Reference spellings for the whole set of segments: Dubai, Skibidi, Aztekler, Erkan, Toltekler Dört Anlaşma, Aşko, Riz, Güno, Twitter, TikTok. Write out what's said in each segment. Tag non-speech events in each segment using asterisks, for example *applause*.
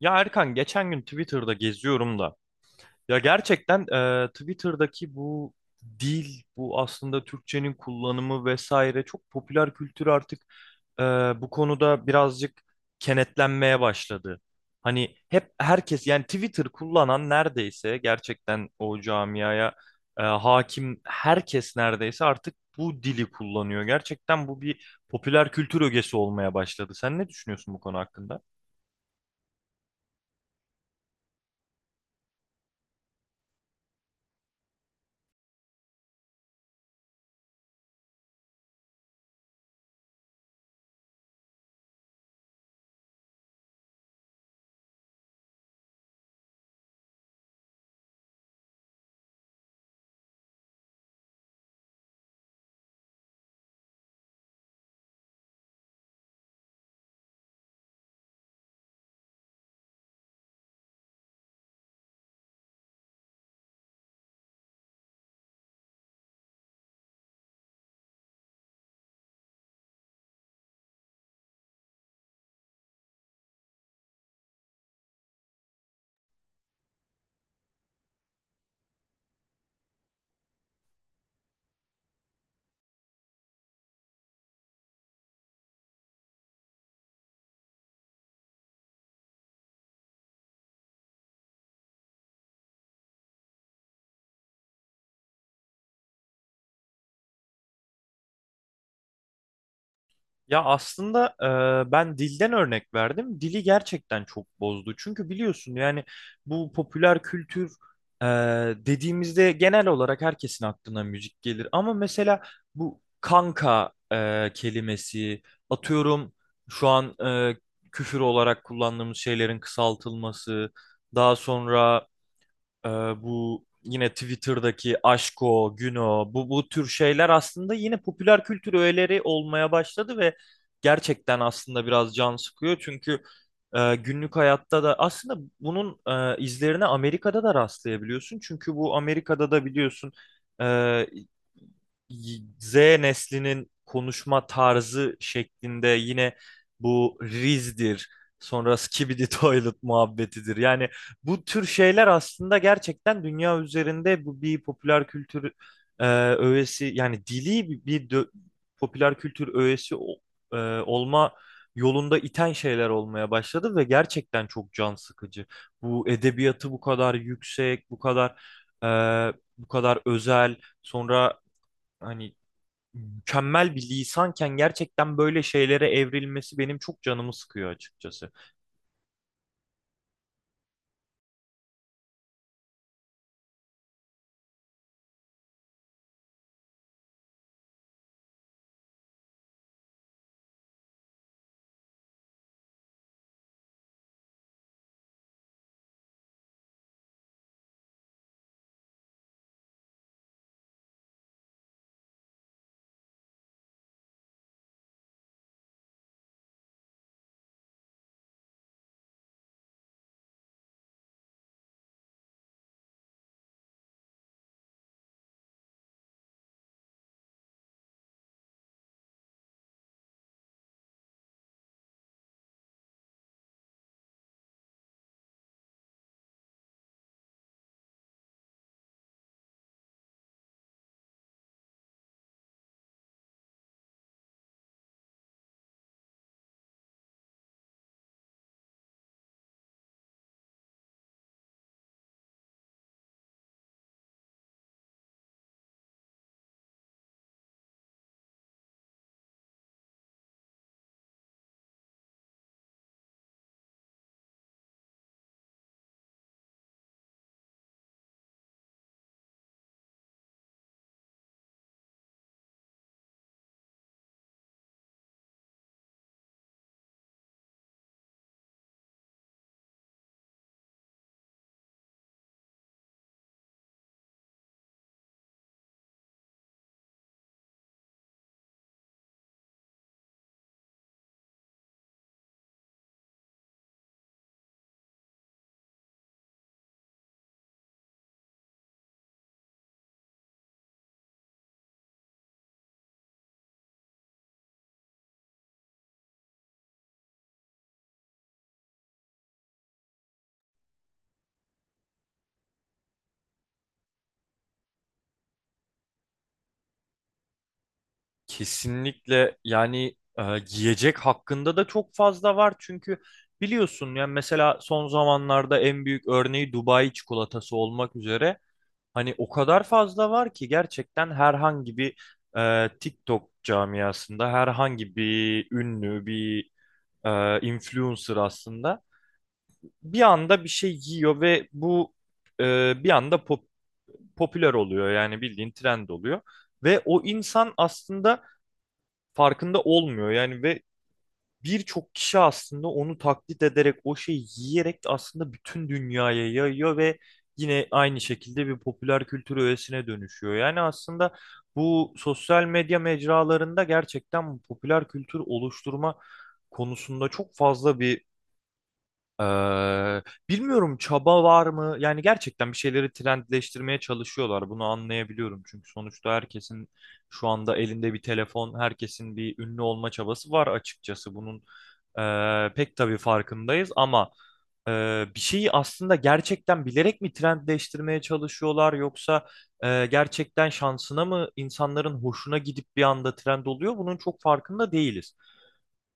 Ya Erkan geçen gün Twitter'da geziyorum da ya gerçekten Twitter'daki bu dil, bu aslında Türkçenin kullanımı vesaire çok popüler kültür artık e, bu konuda birazcık kenetlenmeye başladı. Hani hep herkes yani Twitter kullanan neredeyse gerçekten o camiaya hakim herkes neredeyse artık bu dili kullanıyor. Gerçekten bu bir popüler kültür ögesi olmaya başladı. Sen ne düşünüyorsun bu konu hakkında? Ya aslında ben dilden örnek verdim. Dili gerçekten çok bozdu. Çünkü biliyorsun yani bu popüler kültür e, dediğimizde genel olarak herkesin aklına müzik gelir. Ama mesela bu kanka kelimesi atıyorum şu an küfür olarak kullandığımız şeylerin kısaltılması. Daha sonra ee, bu yine Twitter'daki Aşko, Güno bu tür şeyler aslında yine popüler kültür öğeleri olmaya başladı ve gerçekten aslında biraz can sıkıyor. Çünkü günlük hayatta da aslında bunun izlerine Amerika'da da rastlayabiliyorsun. Çünkü bu Amerika'da da biliyorsun e, Z neslinin konuşma tarzı şeklinde yine bu Riz'dir, sonra Skibidi *laughs* Toilet muhabbetidir. Yani bu tür şeyler aslında gerçekten dünya üzerinde bu bir popüler kültür e, öğesi yani dili popüler kültür e, olma yolunda iten şeyler olmaya başladı ve gerçekten çok can sıkıcı. Bu edebiyatı bu kadar yüksek, bu kadar e, bu kadar özel, sonra hani mükemmel bir lisanken gerçekten böyle şeylere evrilmesi benim çok canımı sıkıyor açıkçası. Kesinlikle yani giyecek hakkında da çok fazla var çünkü biliyorsun yani mesela son zamanlarda en büyük örneği Dubai çikolatası olmak üzere hani o kadar fazla var ki gerçekten herhangi bir TikTok camiasında herhangi bir ünlü bir influencer aslında bir anda bir şey giyiyor ve bu bir anda popüler oluyor yani bildiğin trend oluyor ve o insan aslında farkında olmuyor yani ve birçok kişi aslında onu taklit ederek o şeyi yiyerek aslında bütün dünyaya yayıyor ve yine aynı şekilde bir popüler kültür öğesine dönüşüyor. Yani aslında bu sosyal medya mecralarında gerçekten bu popüler kültür oluşturma konusunda çok fazla bir Eee, bilmiyorum çaba var mı? Yani gerçekten bir şeyleri trendleştirmeye çalışıyorlar. Bunu anlayabiliyorum. Çünkü sonuçta herkesin şu anda elinde bir telefon, herkesin bir ünlü olma çabası var açıkçası. Bunun pek tabii farkındayız ama bir şeyi aslında gerçekten bilerek mi trendleştirmeye çalışıyorlar yoksa gerçekten şansına mı insanların hoşuna gidip bir anda trend oluyor? Bunun çok farkında değiliz.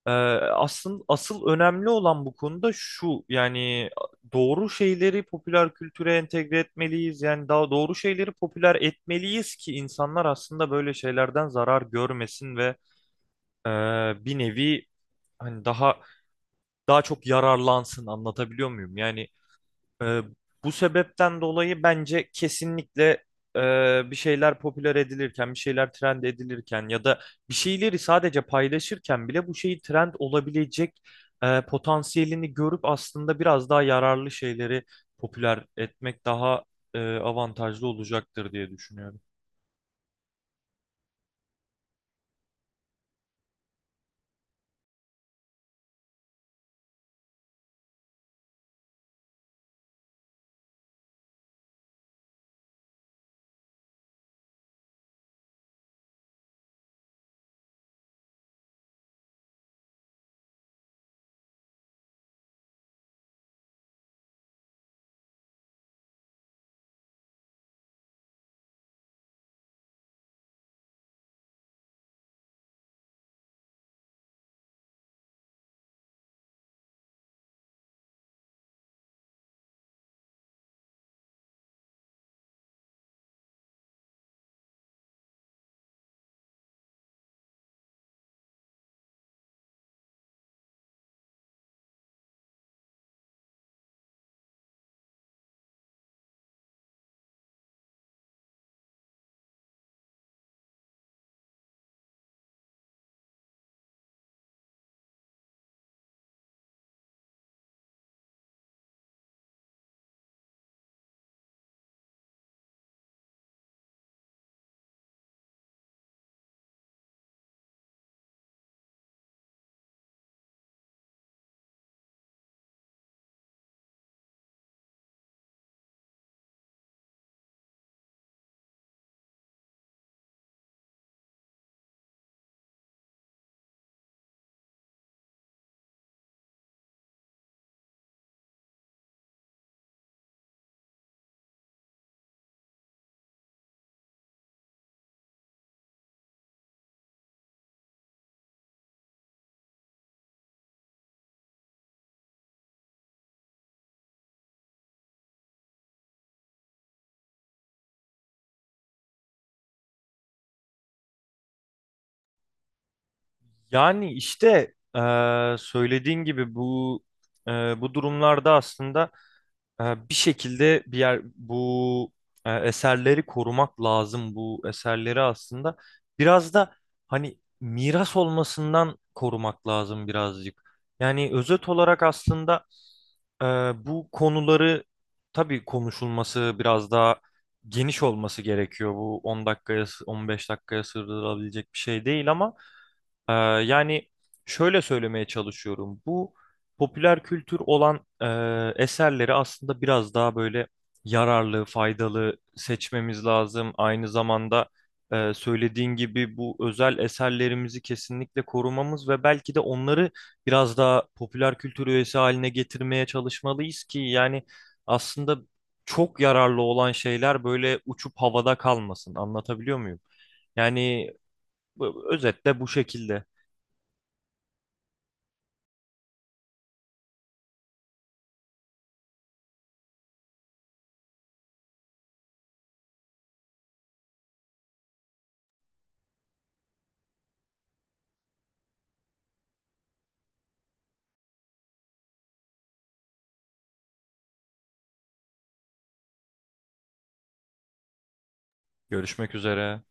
Ee, asıl önemli olan bu konuda şu yani doğru şeyleri popüler kültüre entegre etmeliyiz yani daha doğru şeyleri popüler etmeliyiz ki insanlar aslında böyle şeylerden zarar görmesin ve e, bir nevi hani daha çok yararlansın anlatabiliyor muyum? Yani ee, bu sebepten dolayı bence kesinlikle bir şeyler popüler edilirken, bir şeyler trend edilirken ya da bir şeyleri sadece paylaşırken bile bu şeyi trend olabilecek potansiyelini görüp aslında biraz daha yararlı şeyleri popüler etmek daha avantajlı olacaktır diye düşünüyorum. Yani işte söylediğin gibi bu e, bu durumlarda aslında. Bir şekilde bir yer bu eserleri korumak lazım bu eserleri aslında biraz da hani miras olmasından korumak lazım birazcık. Yani özet olarak aslında e, bu konuları tabii konuşulması biraz daha geniş olması gerekiyor. Bu 10 dakikaya 15 dakikaya sığdırılabilecek bir şey değil ama yani şöyle söylemeye çalışıyorum. Bu popüler kültür olan eserleri aslında biraz daha böyle yararlı, faydalı seçmemiz lazım. Aynı zamanda söylediğin gibi bu özel eserlerimizi kesinlikle korumamız ve belki de onları biraz daha popüler kültür üyesi haline getirmeye çalışmalıyız ki yani aslında çok yararlı olan şeyler böyle uçup havada kalmasın. Anlatabiliyor muyum? Yani özetle bu şekilde. Görüşmek üzere.